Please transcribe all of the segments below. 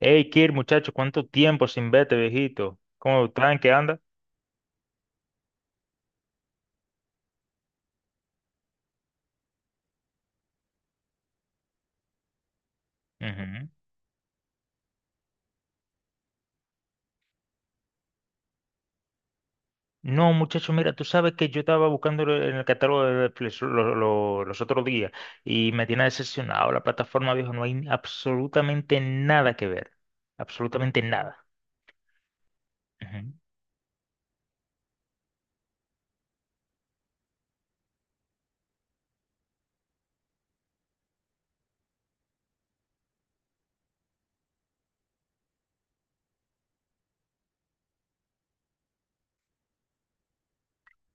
Hey, Kir, muchacho, ¿cuánto tiempo sin verte, viejito? ¿Cómo estás? ¿En qué anda? Ujú. No, muchacho, mira, tú sabes que yo estaba buscando en el catálogo de Netflix los otros días y me tiene decepcionado la plataforma, viejo. No hay absolutamente nada que ver. Absolutamente nada. Ujú.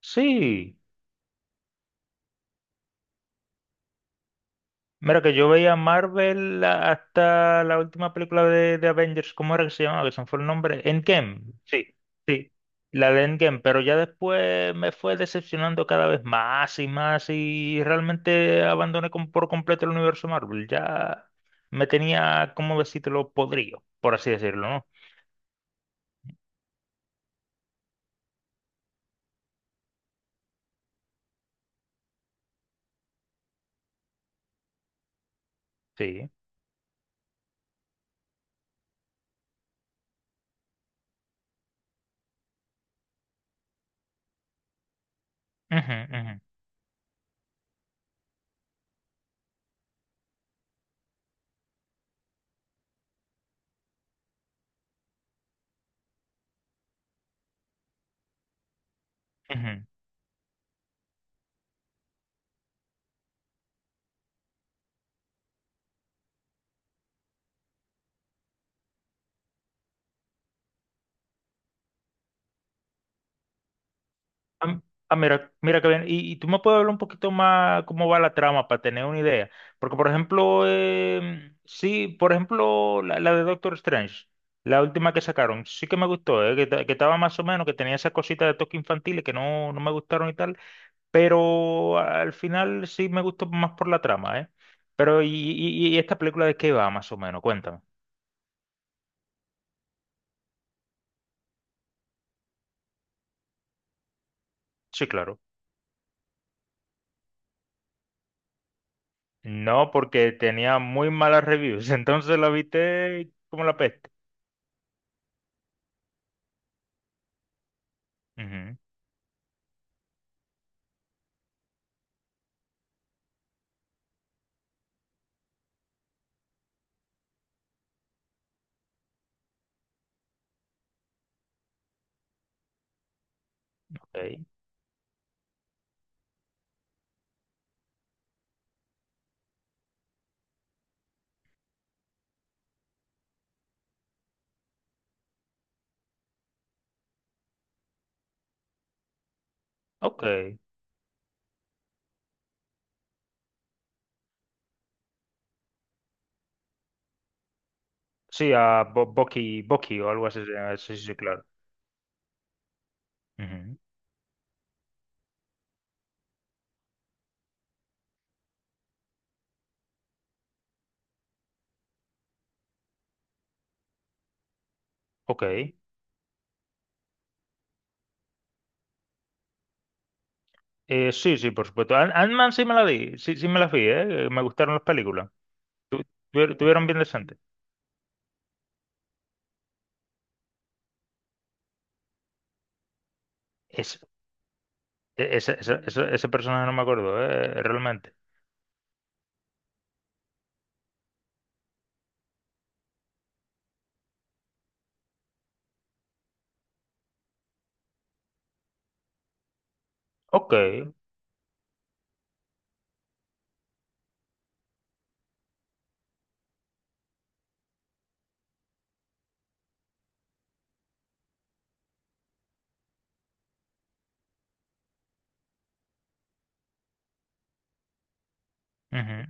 Sí. Mira que yo veía Marvel hasta la última película de Avengers, ¿cómo era que se llamaba? Que se me fue el nombre. Endgame. Sí, sí, la de Endgame, pero ya después me fue decepcionando cada vez más y más y realmente abandoné por completo el universo Marvel. Ya me tenía, como decírtelo, podrido, por así decirlo, ¿no? Sí. Ujú, ujú, ujú. Ah, ah, mira, mira que bien. Y tú me puedes hablar un poquito más cómo va la trama para tener una idea. Porque, por ejemplo, sí, por ejemplo, la de Doctor Strange, la última que sacaron, sí que me gustó, que estaba más o menos, que tenía esas cositas de toque infantiles que no, no me gustaron y tal. Pero al final sí me gustó más por la trama, ¿eh? Pero, ¿y esta película de qué va más o menos? Cuéntame. Sí, claro. No, porque tenía muy malas reviews, entonces la viste como la peste. Ujú, ok. Ok. Sí, a Bucky, Bucky o algo así se llama. Sí, sí, sí, claro. Ujú. Ok. Sí, sí, por supuesto. Ant-Man sí me la vi, sí, sí me la vi, ¿eh? Me gustaron las películas. Tu- Tuvieron bien decente. Ese, Ese personaje no me acuerdo, ¿eh? Realmente. Ok. Ujú, ujú.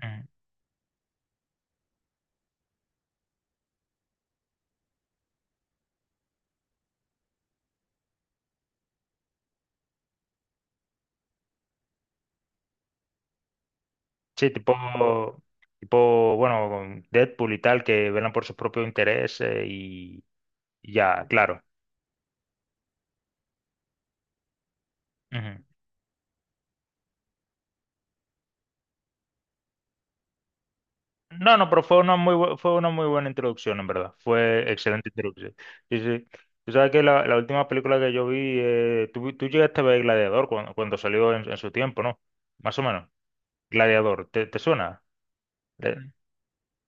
Sí, tipo, tipo, bueno, con Deadpool y tal, que velan por sus propios intereses y ya, claro. No, no, pero fue una fue una muy buena introducción, en verdad. Fue excelente introducción. Sí, sí. Tú sabes que la última película que yo vi, tú llegaste a ver Gladiador cuando, cuando salió en su tiempo, ¿no? Más o menos. Gladiador, ¿te, te suena? De,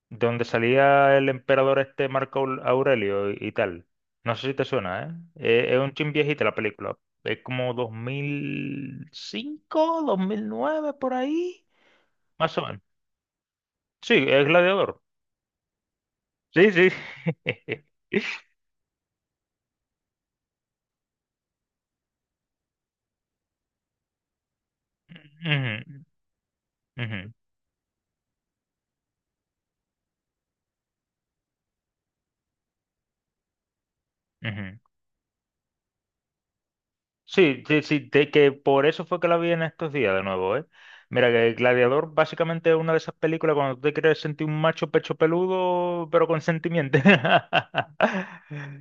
de donde salía el emperador este Marco Aurelio y tal. No sé si te suena, ¿eh? Es un chin viejita la película. Es como 2005, 2009, por ahí. Más o menos. Sí, es Gladiador. Sí, sí. Ujú, ujú, ujú. Sí, sí, sí, que por eso fue que la vi en estos días de nuevo, ¿eh? Mira, que Gladiador básicamente es una de esas películas cuando tú te quieres sentir un macho pecho peludo, pero con sentimiento.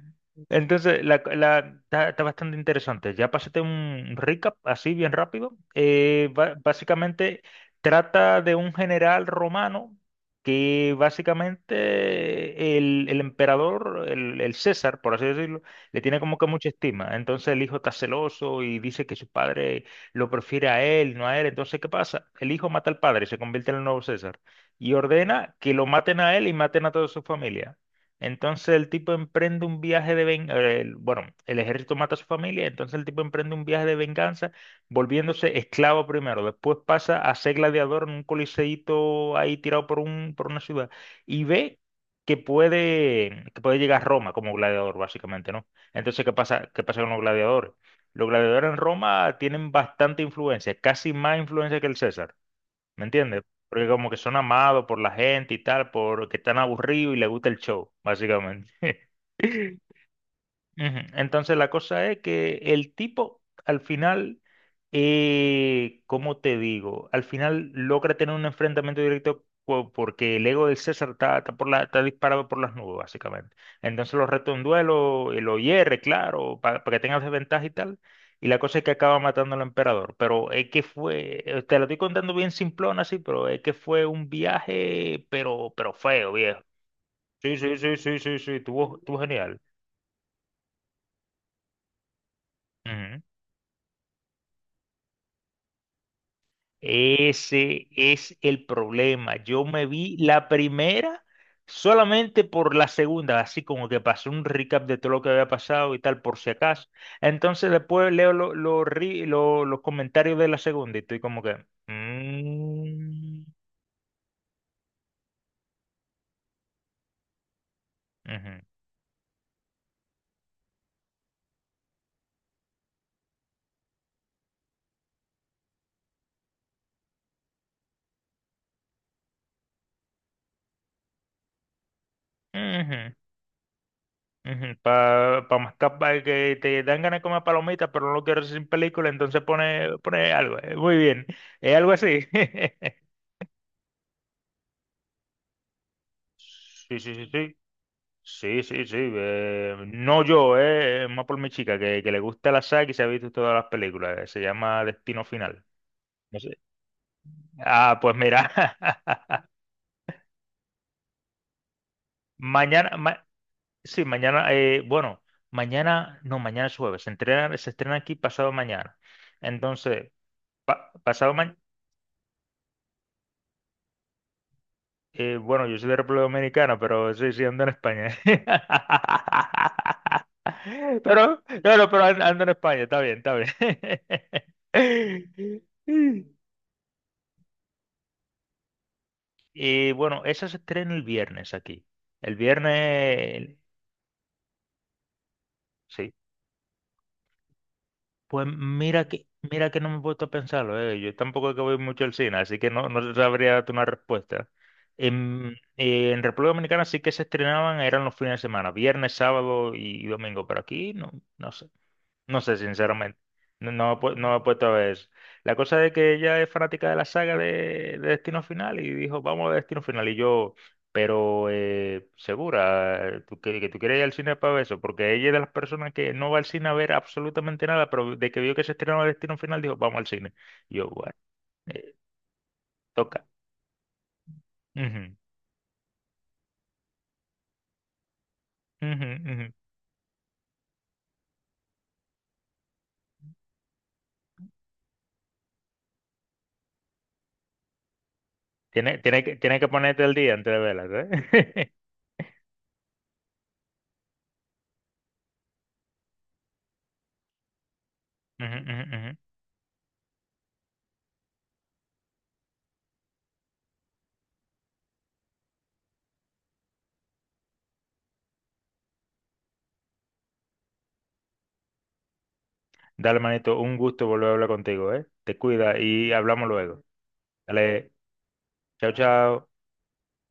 Entonces, está, está bastante interesante. Ya pásate un recap así bien rápido. Básicamente trata de un general romano que básicamente el emperador, el César, por así decirlo, le tiene como que mucha estima. Entonces el hijo está celoso y dice que su padre lo prefiere a él, no a él. Entonces, ¿qué pasa? El hijo mata al padre, se convierte en el nuevo César y ordena que lo maten a él y maten a toda su familia. Entonces el tipo emprende un viaje de venganza, bueno, el ejército mata a su familia, entonces el tipo emprende un viaje de venganza volviéndose esclavo primero, después pasa a ser gladiador en un coliseíto ahí tirado por un, por una ciudad y ve que puede llegar a Roma como gladiador, básicamente, ¿no? Entonces, ¿qué pasa? ¿Qué pasa con los gladiadores? Los gladiadores en Roma tienen bastante influencia, casi más influencia que el César, ¿me entiendes? Porque como que son amados por la gente y tal, porque están aburridos y les gusta el show, básicamente. Ujú. Entonces la cosa es que el tipo al final, ¿cómo te digo? Al final logra tener un enfrentamiento directo porque el ego del César está, está por la, está disparado por las nubes, básicamente. Entonces lo reta a un duelo, y lo hierre, claro, para que tenga desventaja y tal. Y la cosa es que acaba matando al emperador. Pero es que fue, te lo estoy contando bien simplón así, pero es que fue un viaje, pero feo, viejo. Sí, sí, sí, sí, sí, sí, estuvo, estuvo genial. Ese es el problema. Yo me vi la primera solamente por la segunda, así como que pasé un recap de todo lo que había pasado y tal, por si acaso. Entonces después leo los comentarios de la segunda y estoy como que... "Mm, ujú, ujú, ujú". Pa, pa que te dan ganas de comer palomitas, pero no lo quieres sin película, entonces pone, pone algo. Muy bien. Es algo así. Sí, sí, sí, sí. Sí, sí, sí. No yo, es más por mi chica, que le gusta la saga y se ha visto todas las películas. Se llama Destino Final. No sé. Ah, pues mira. Mañana, sí, mañana, bueno, mañana, no, mañana es jueves. Se estrena aquí pasado mañana. Entonces, pasado mañana. Bueno, yo soy de República Dominicana, pero sí, sí, ando en España. Pero, no, no, pero ando en España, está bien, está bien. Y bueno, esa se estrena el viernes aquí. El viernes, sí. Pues mira que no me he puesto a pensarlo, eh. Yo tampoco es que voy mucho al cine, así que no, no sabría darte una respuesta. En República Dominicana sí que se estrenaban, eran los fines de semana, viernes, sábado y domingo, pero aquí no, no sé. No sé, sinceramente. No, no, no he puesto a ver eso. La cosa de que ella es fanática de la saga de Destino Final y dijo, vamos a Destino Final. Y yo, pero segura, ¿tú, que tú quieres ir al cine para ver eso, porque ella es de las personas que no va al cine a ver absolutamente nada, pero de que vio que se estrenaba Destino Final, dijo, vamos al cine. Y yo, bueno, eh, toca. Ujú, ujú, ujú. Tiene, tiene que ponerte el día antes de verla, ¿eh? Ujú, ujú, ujú. Dale, manito, un gusto volver a hablar contigo, ¿eh? Te cuida y hablamos luego. Dale, chao, chao.